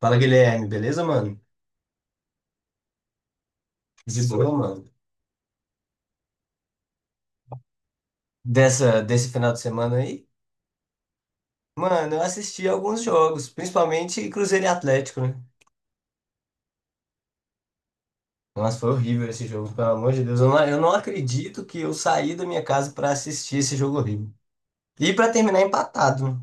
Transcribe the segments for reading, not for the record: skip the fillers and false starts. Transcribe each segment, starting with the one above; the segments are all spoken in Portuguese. Fala, Guilherme, beleza, mano? De boa, mano. Desse final de semana aí, mano, eu assisti alguns jogos, principalmente Cruzeiro e Atlético, né? Nossa, foi horrível esse jogo, pelo amor de Deus. Eu não acredito que eu saí da minha casa pra assistir esse jogo horrível. E pra terminar empatado, né?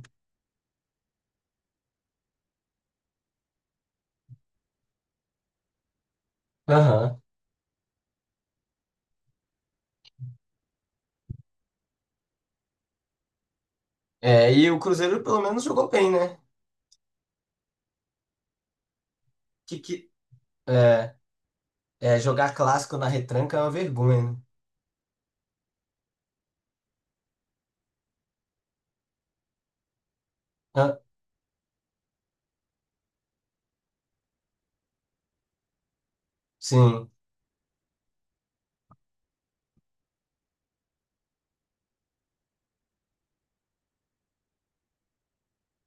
Aham. É, e o Cruzeiro pelo menos jogou bem, né? Que, que, é, jogar clássico na retranca é uma vergonha, né? Ah, sim.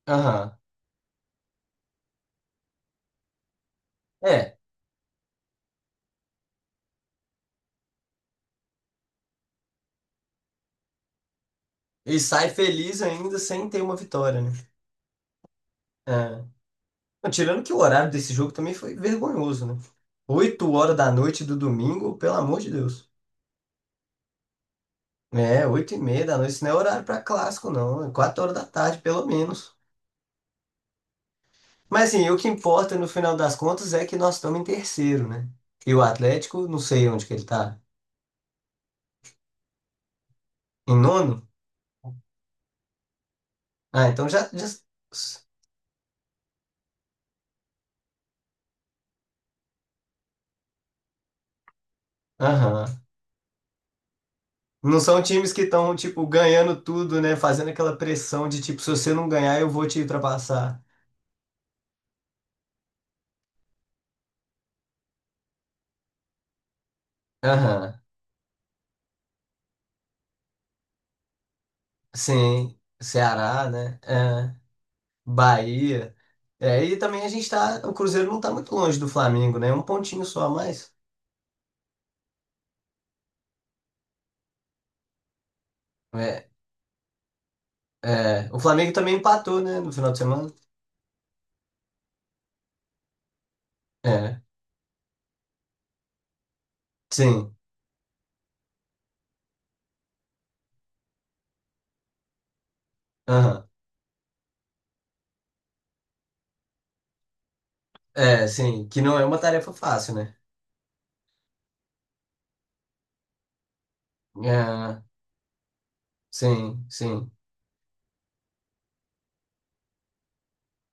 Aham. É. E sai feliz ainda sem ter uma vitória, né? É. Não, tirando que o horário desse jogo também foi vergonhoso, né? 8 horas da noite do domingo, pelo amor de Deus. É, 8h30 da noite, isso não é horário pra clássico, não. É 4 horas da tarde, pelo menos. Mas assim, o que importa no final das contas é que nós estamos em terceiro, né? E o Atlético, não sei onde que ele tá. Em nono? Ah, então já. Aham. Não são times que estão, tipo, ganhando tudo, né? Fazendo aquela pressão de, tipo, se você não ganhar, eu vou te ultrapassar. Aham. Sim. Ceará, né? É. Bahia. É, e também a gente tá. O Cruzeiro não tá muito longe do Flamengo, né? Um pontinho só a mais. É, é, o Flamengo também empatou, né? No final de semana. É, sim. Aham. É, sim. Que não é uma tarefa fácil, né? É, sim, sim.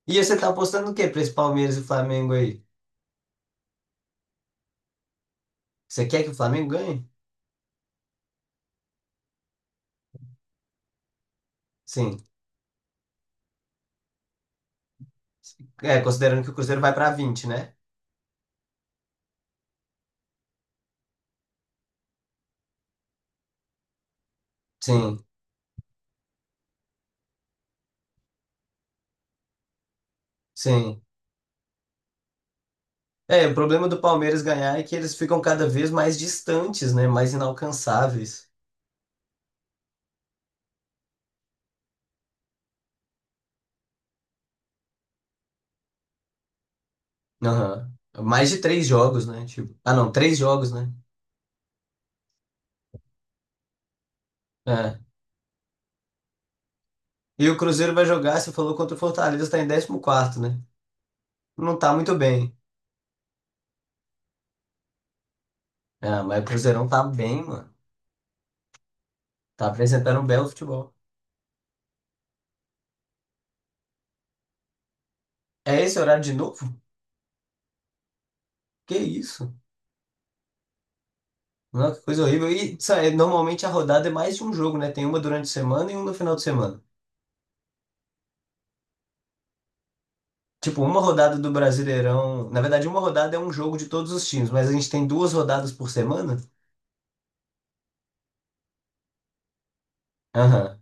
E você tá apostando o quê pra esse Palmeiras e Flamengo aí? Você quer que o Flamengo ganhe? Sim. É, considerando que o Cruzeiro vai pra 20, né? Sim, sim. É, o problema do Palmeiras ganhar é que eles ficam cada vez mais distantes, né? Mais inalcançáveis. Aham. Mais de três jogos, né? Tipo, ah, não, três jogos, né? É. E o Cruzeiro vai jogar, você falou, contra o Fortaleza, tá em 14º, né? Não tá muito bem. Ah, mas o Cruzeirão tá bem, mano. Tá apresentando um belo futebol. É esse horário de novo? Que isso? Não, que coisa horrível. E sabe, normalmente a rodada é mais de um jogo, né? Tem uma durante a semana e uma no final de semana. Tipo, uma rodada do Brasileirão. Na verdade, uma rodada é um jogo de todos os times, mas a gente tem duas rodadas por semana. Aham.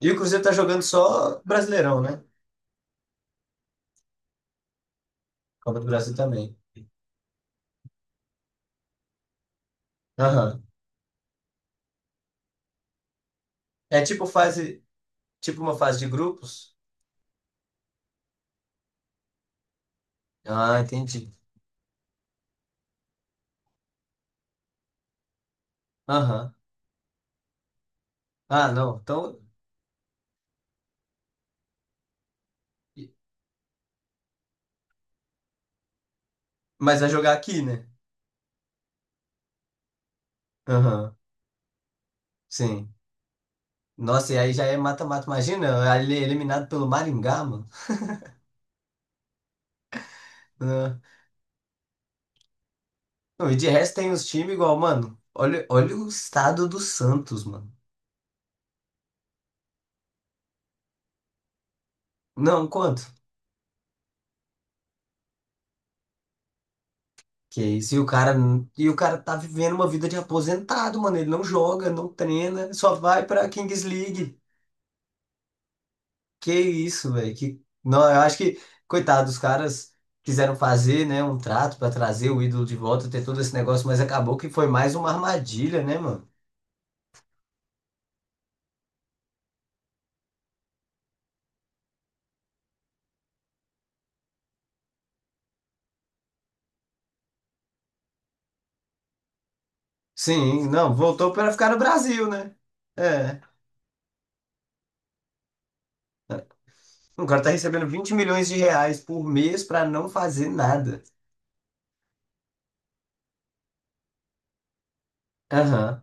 E o Cruzeiro tá jogando só Brasileirão, né? Copa do Brasil também. Aham. É tipo fase, tipo uma fase de grupos? Ah, entendi. Aham. Ah, não. Então, e- mas vai jogar aqui, né? Aham. Sim. Nossa, e aí já é mata-mata. Imagina, ele é eliminado pelo Maringá, mano. Ah, não, e de resto tem uns times igual, mano. Olha, olha o estado do Santos, mano. Não, quanto? Que isso? E o cara tá vivendo uma vida de aposentado, mano. Ele não joga, não treina, só vai pra Kings League. Que isso, velho. Não, eu acho que, coitado, os caras quiseram fazer, né, um trato pra trazer o ídolo de volta, ter todo esse negócio, mas acabou que foi mais uma armadilha, né, mano? Sim, não, voltou pra ficar no Brasil, né? É. O cara tá recebendo 20 milhões de reais por mês pra não fazer nada. Aham,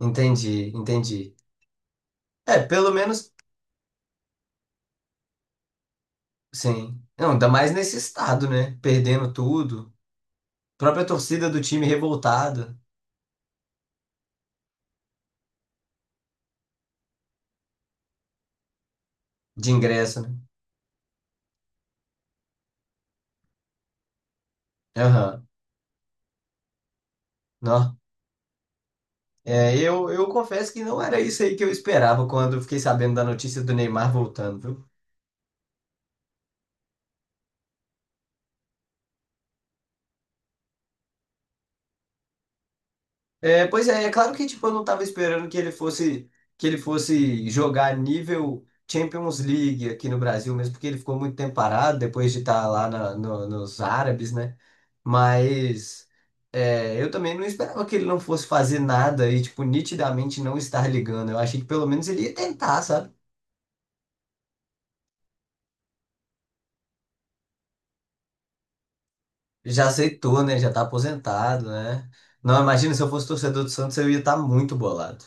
entendi, entendi. É, pelo menos, sim. Não, ainda mais nesse estado, né? Perdendo tudo. Própria torcida do time revoltada de ingresso, né? Aham. Não, é, eu confesso que não era isso aí que eu esperava quando eu fiquei sabendo da notícia do Neymar voltando, viu? É, pois é, é claro que tipo, eu não estava esperando que ele fosse jogar nível Champions League aqui no Brasil, mesmo porque ele ficou muito tempo parado depois de estar lá nos Árabes, né? Mas eu também não esperava que ele não fosse fazer nada e, tipo, nitidamente não estar ligando. Eu achei que pelo menos ele ia tentar, sabe? Já aceitou, né? Já tá aposentado, né? Não, imagina se eu fosse torcedor do Santos, eu ia estar muito bolado.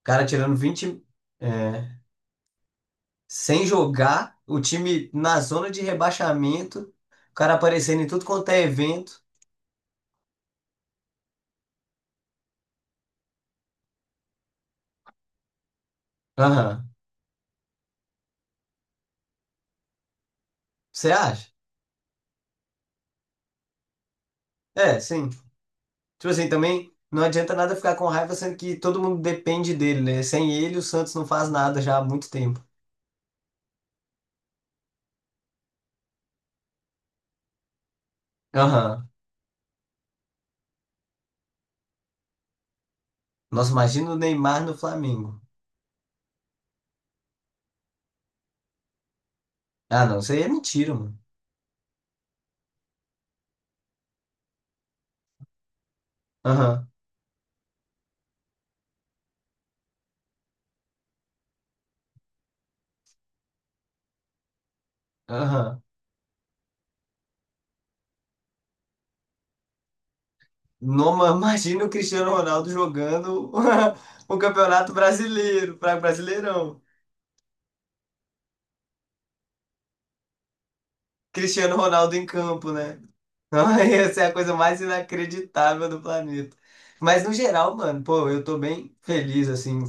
O cara tirando 20, é, sem jogar, o time na zona de rebaixamento, o cara aparecendo em tudo quanto é evento. Aham. Você acha? É, sim. Tipo assim, também não adianta nada ficar com raiva, sendo que todo mundo depende dele, né? Sem ele, o Santos não faz nada já há muito tempo. Aham. Nossa, imagina o Neymar no Flamengo. Ah, não, isso aí é mentira, mano. Aham. Aham. Noma, imagina o Cristiano Ronaldo jogando o Campeonato Brasileiro, para Brasileirão. Cristiano Ronaldo em campo, né? Essa é a coisa mais inacreditável do planeta. Mas no geral, mano, pô, eu tô bem feliz assim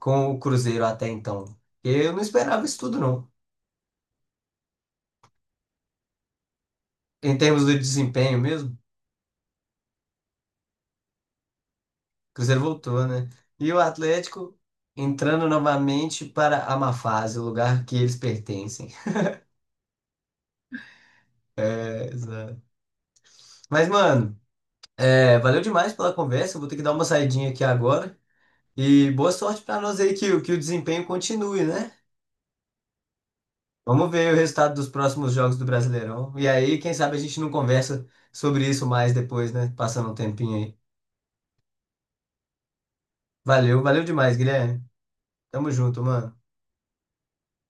com o Cruzeiro até então. Eu não esperava isso tudo, não. Em termos do desempenho mesmo, o Cruzeiro voltou, né? E o Atlético entrando novamente para a má fase, o lugar que eles pertencem. Exato. Mas, mano. É, valeu demais pela conversa. Eu vou ter que dar uma saidinha aqui agora. E boa sorte para nós aí que, que o desempenho continue, né? Vamos ver o resultado dos próximos jogos do Brasileirão. E aí, quem sabe a gente não conversa sobre isso mais depois, né? Passando um tempinho aí. Valeu, valeu demais, Guilherme. Tamo junto, mano.